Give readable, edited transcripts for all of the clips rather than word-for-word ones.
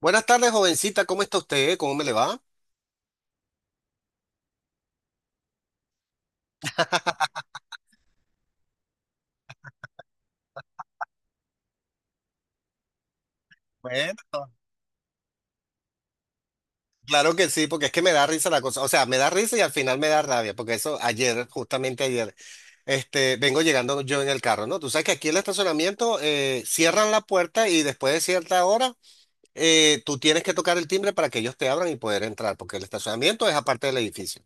Buenas tardes, jovencita. ¿Cómo está usted? ¿Cómo me le va? Bueno, claro que sí, porque es que me da risa la cosa. O sea, me da risa y al final me da rabia, porque eso ayer, justamente ayer, vengo llegando yo en el carro, ¿no? Tú sabes que aquí el estacionamiento cierran la puerta y después de cierta hora tú tienes que tocar el timbre para que ellos te abran y poder entrar, porque el estacionamiento es aparte del edificio.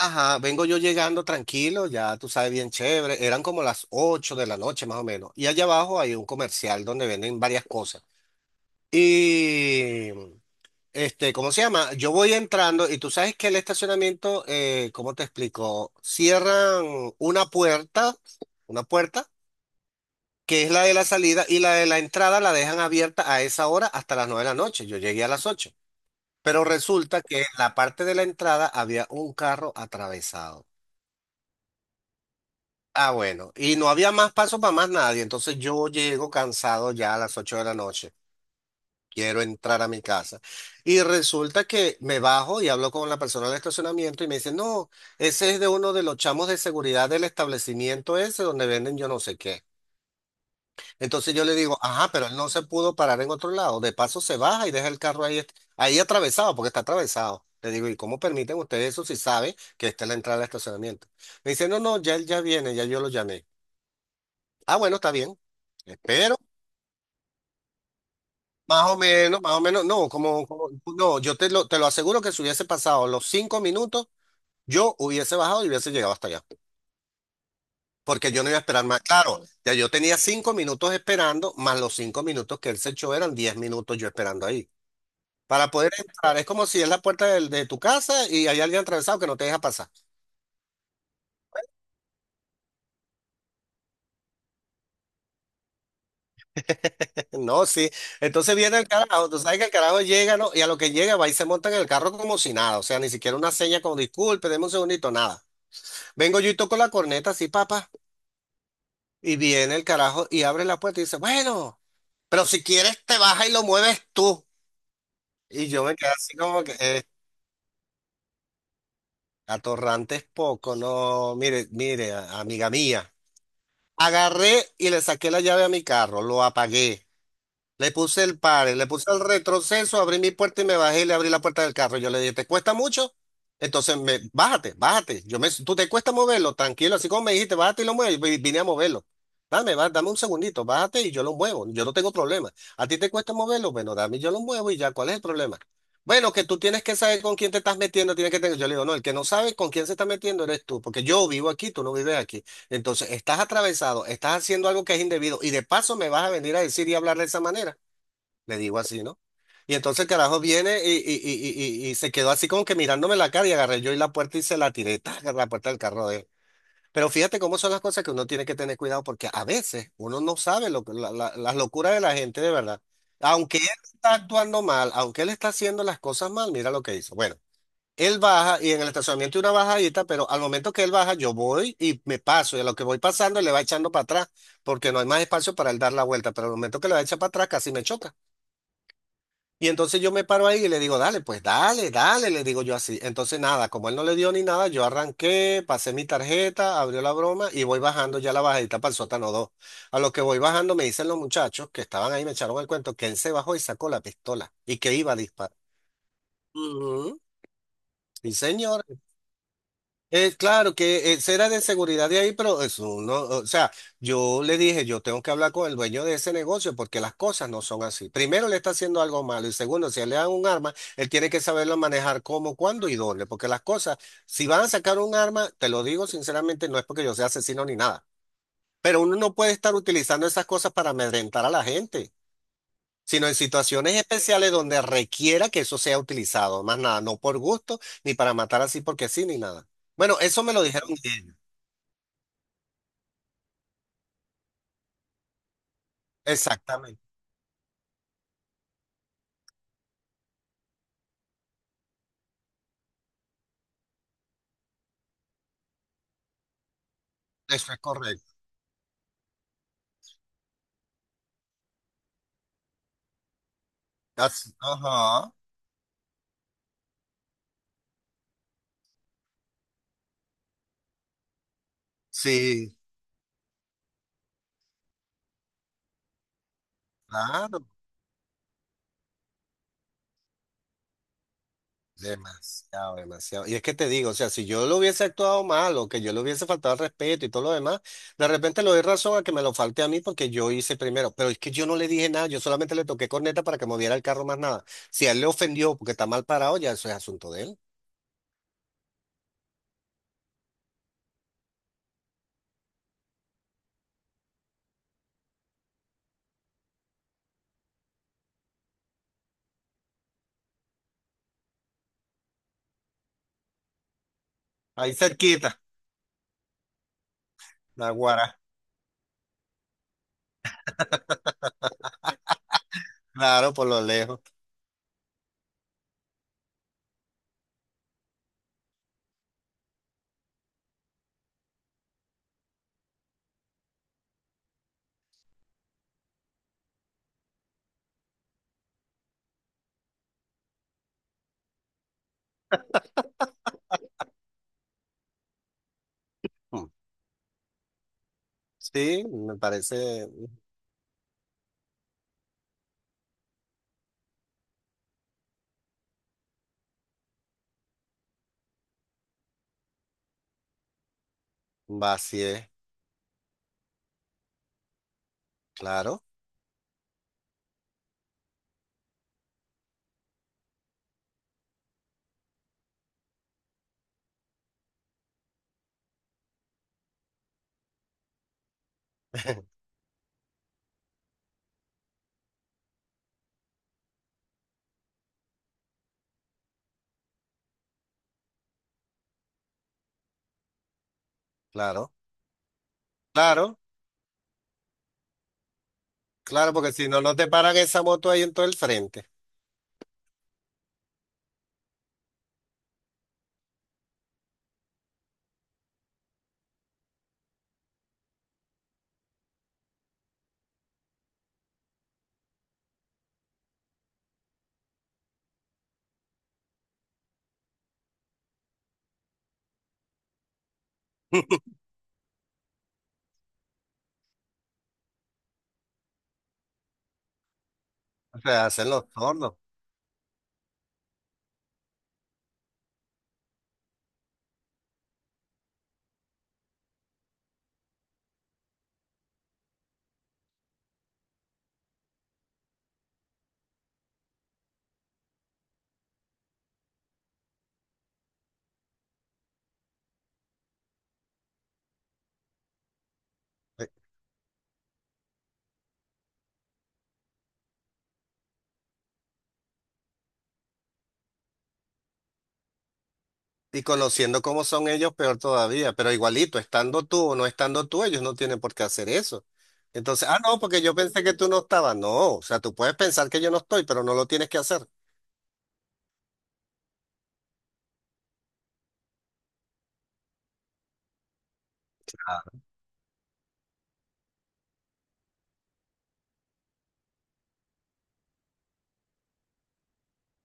Ajá, vengo yo llegando tranquilo, ya tú sabes, bien chévere. Eran como las 8 de la noche, más o menos. Y allá abajo hay un comercial donde venden varias cosas. Y, ¿cómo se llama? Yo voy entrando y tú sabes que el estacionamiento, ¿cómo te explico? Cierran una puerta, una puerta, que es la de la salida, y la de la entrada la dejan abierta a esa hora hasta las 9 de la noche. Yo llegué a las 8, pero resulta que en la parte de la entrada había un carro atravesado. Ah, bueno, y no había más paso para más nadie, entonces yo llego cansado ya a las 8 de la noche. Quiero entrar a mi casa. Y resulta que me bajo y hablo con la persona del estacionamiento y me dice, no, ese es de uno de los chamos de seguridad del establecimiento ese donde venden yo no sé qué. Entonces yo le digo, ajá, pero él no se pudo parar en otro lado. De paso se baja y deja el carro ahí, ahí atravesado, porque está atravesado. Le digo, ¿y cómo permiten ustedes eso si sabe que esta es la entrada al estacionamiento? Me dice, no, no, ya él ya viene, ya yo lo llamé. Ah, bueno, está bien. Espero. Más o menos, no, no, yo te lo aseguro que si hubiese pasado los 5 minutos, yo hubiese bajado y hubiese llegado hasta allá, porque yo no iba a esperar más. Claro, ya yo tenía 5 minutos esperando, más los 5 minutos que él se echó, eran 10 minutos yo esperando ahí. Para poder entrar, es como si es la puerta de tu casa y hay alguien atravesado que no te deja pasar. No, sí. Entonces viene el carajo, tú sabes que el carajo llega, ¿no? Y a lo que llega, va y se monta en el carro como si nada. O sea, ni siquiera una seña, como disculpe, deme un segundito, nada. Vengo yo y toco la corneta así, papá. Y viene el carajo y abre la puerta y dice, bueno, pero si quieres, te baja y lo mueves tú. Y yo me quedé así como que, atorrante es poco. No, mire, mire, amiga mía. Agarré y le saqué la llave a mi carro, lo apagué. Le puse el pare, le puse el retroceso, abrí mi puerta y me bajé y le abrí la puerta del carro. Yo le dije, ¿te cuesta mucho? Entonces, bájate, bájate. Tú te cuesta moverlo, tranquilo, así como me dijiste, bájate y lo muevo. Yo vine a moverlo. Dame un segundito, bájate y yo lo muevo. Yo no tengo problema. ¿A ti te cuesta moverlo? Bueno, dame, y yo lo muevo y ya. ¿Cuál es el problema? Bueno, que tú tienes que saber con quién te estás metiendo, tienes que tener. Yo le digo, no, el que no sabe con quién se está metiendo eres tú, porque yo vivo aquí, tú no vives aquí. Entonces, estás atravesado, estás haciendo algo que es indebido, y de paso me vas a venir a decir y hablar de esa manera. Le digo así, ¿no? Y entonces el carajo viene y se quedó así como que mirándome la cara, y agarré yo y la puerta y se la tiré, ¡tac!, a la puerta del carro de él. Pero fíjate cómo son las cosas, que uno tiene que tener cuidado porque a veces uno no sabe lo, que- la- la- las locuras de la gente, de verdad. Aunque él está actuando mal, aunque él está haciendo las cosas mal, mira lo que hizo. Bueno. Él baja, y en el estacionamiento hay una bajadita, pero al momento que él baja, yo voy y me paso. Y a lo que voy pasando, él le va echando para atrás, porque no hay más espacio para él dar la vuelta. Pero al momento que le va a echar para atrás, casi me choca. Y entonces yo me paro ahí y le digo, dale, pues dale, dale, le digo yo así. Entonces nada, como él no le dio ni nada, yo arranqué, pasé mi tarjeta, abrió la broma y voy bajando ya la bajadita para el sótano dos. A lo que voy bajando, me dicen los muchachos que estaban ahí, me echaron el cuento, que él se bajó y sacó la pistola y que iba a disparar. Ujú. Sí, señor. Claro que será de seguridad de ahí, pero eso no, o sea, yo le dije, yo tengo que hablar con el dueño de ese negocio, porque las cosas no son así. Primero, le está haciendo algo malo, y segundo, si le dan un arma, él tiene que saberlo manejar cómo, cuándo y dónde, porque las cosas, si van a sacar un arma, te lo digo sinceramente, no es porque yo sea asesino ni nada, pero uno no puede estar utilizando esas cosas para amedrentar a la gente, sino en situaciones especiales donde requiera que eso sea utilizado, más nada, no por gusto, ni para matar así porque sí, ni nada. Bueno, eso me lo dijeron ellos. Exactamente, eso es correcto. Así, ajá, sí, claro, demasiado, demasiado. Y es que te digo, o sea, si yo lo hubiese actuado mal, o que yo le hubiese faltado al respeto y todo lo demás, de repente le doy razón a que me lo falte a mí porque yo hice primero. Pero es que yo no le dije nada, yo solamente le toqué corneta para que moviera el carro, más nada. Si a él le ofendió porque está mal parado, ya eso es asunto de él. Ahí cerquita, la Guara, claro, por lo lejos. Mm. Sí, me parece vacío, claro, claro, claro, claro, porque si no, no te paran esa moto ahí en todo el frente. O sea, hacen los tornos. Eh, Y conociendo cómo son ellos, peor todavía. Pero igualito, estando tú o no estando tú, ellos no tienen por qué hacer eso. Entonces, ah, no, porque yo pensé que tú no estabas. No, o sea, tú puedes pensar que yo no estoy, pero no lo tienes que hacer.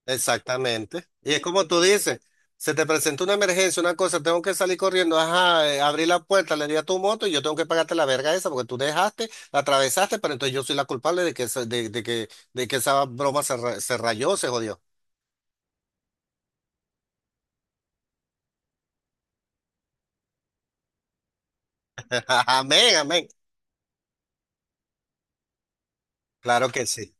Exactamente. Y es como tú dices, se te presenta una emergencia, una cosa, tengo que salir corriendo, ajá, abrí la puerta, le di a tu moto y yo tengo que pagarte la verga esa porque tú dejaste, la atravesaste, pero entonces yo soy la culpable de que, de de que esa broma se, se rayó, se jodió. Amén, amén. Claro que sí.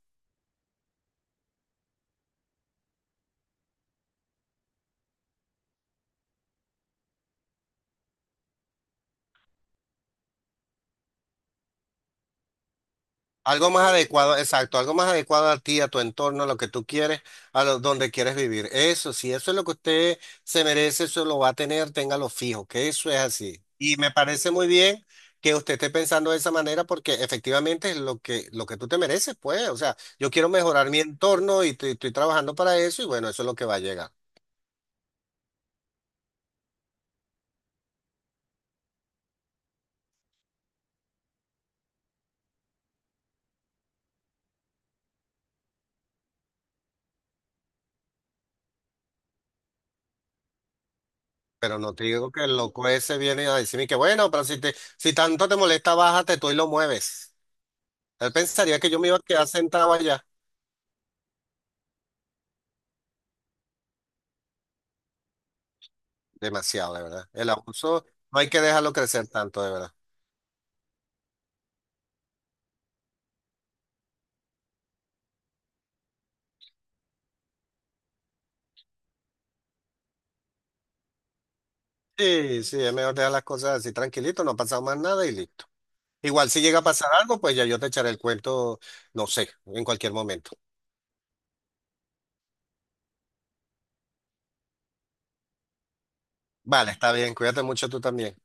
Algo más adecuado, exacto, algo más adecuado a ti, a tu entorno, a lo que tú quieres, donde quieres vivir. Eso, si eso es lo que usted se merece, eso lo va a tener, téngalo fijo, que eso es así. Y me parece muy bien que usted esté pensando de esa manera, porque efectivamente es lo que tú te mereces, pues. O sea, yo quiero mejorar mi entorno y estoy trabajando para eso, y bueno, eso es lo que va a llegar. Pero no te digo que el loco ese viene a decirme que bueno, pero si tanto te molesta, bájate tú y lo mueves. Él pensaría que yo me iba a quedar sentado allá. Demasiado, de verdad. El abuso no hay que dejarlo crecer tanto, de verdad. Sí, sí, es mejor dejar las cosas así tranquilito, no ha pasado más nada y listo. Igual si llega a pasar algo, pues ya yo te echaré el cuento, no sé, en cualquier momento. Vale, está bien, cuídate mucho tú también.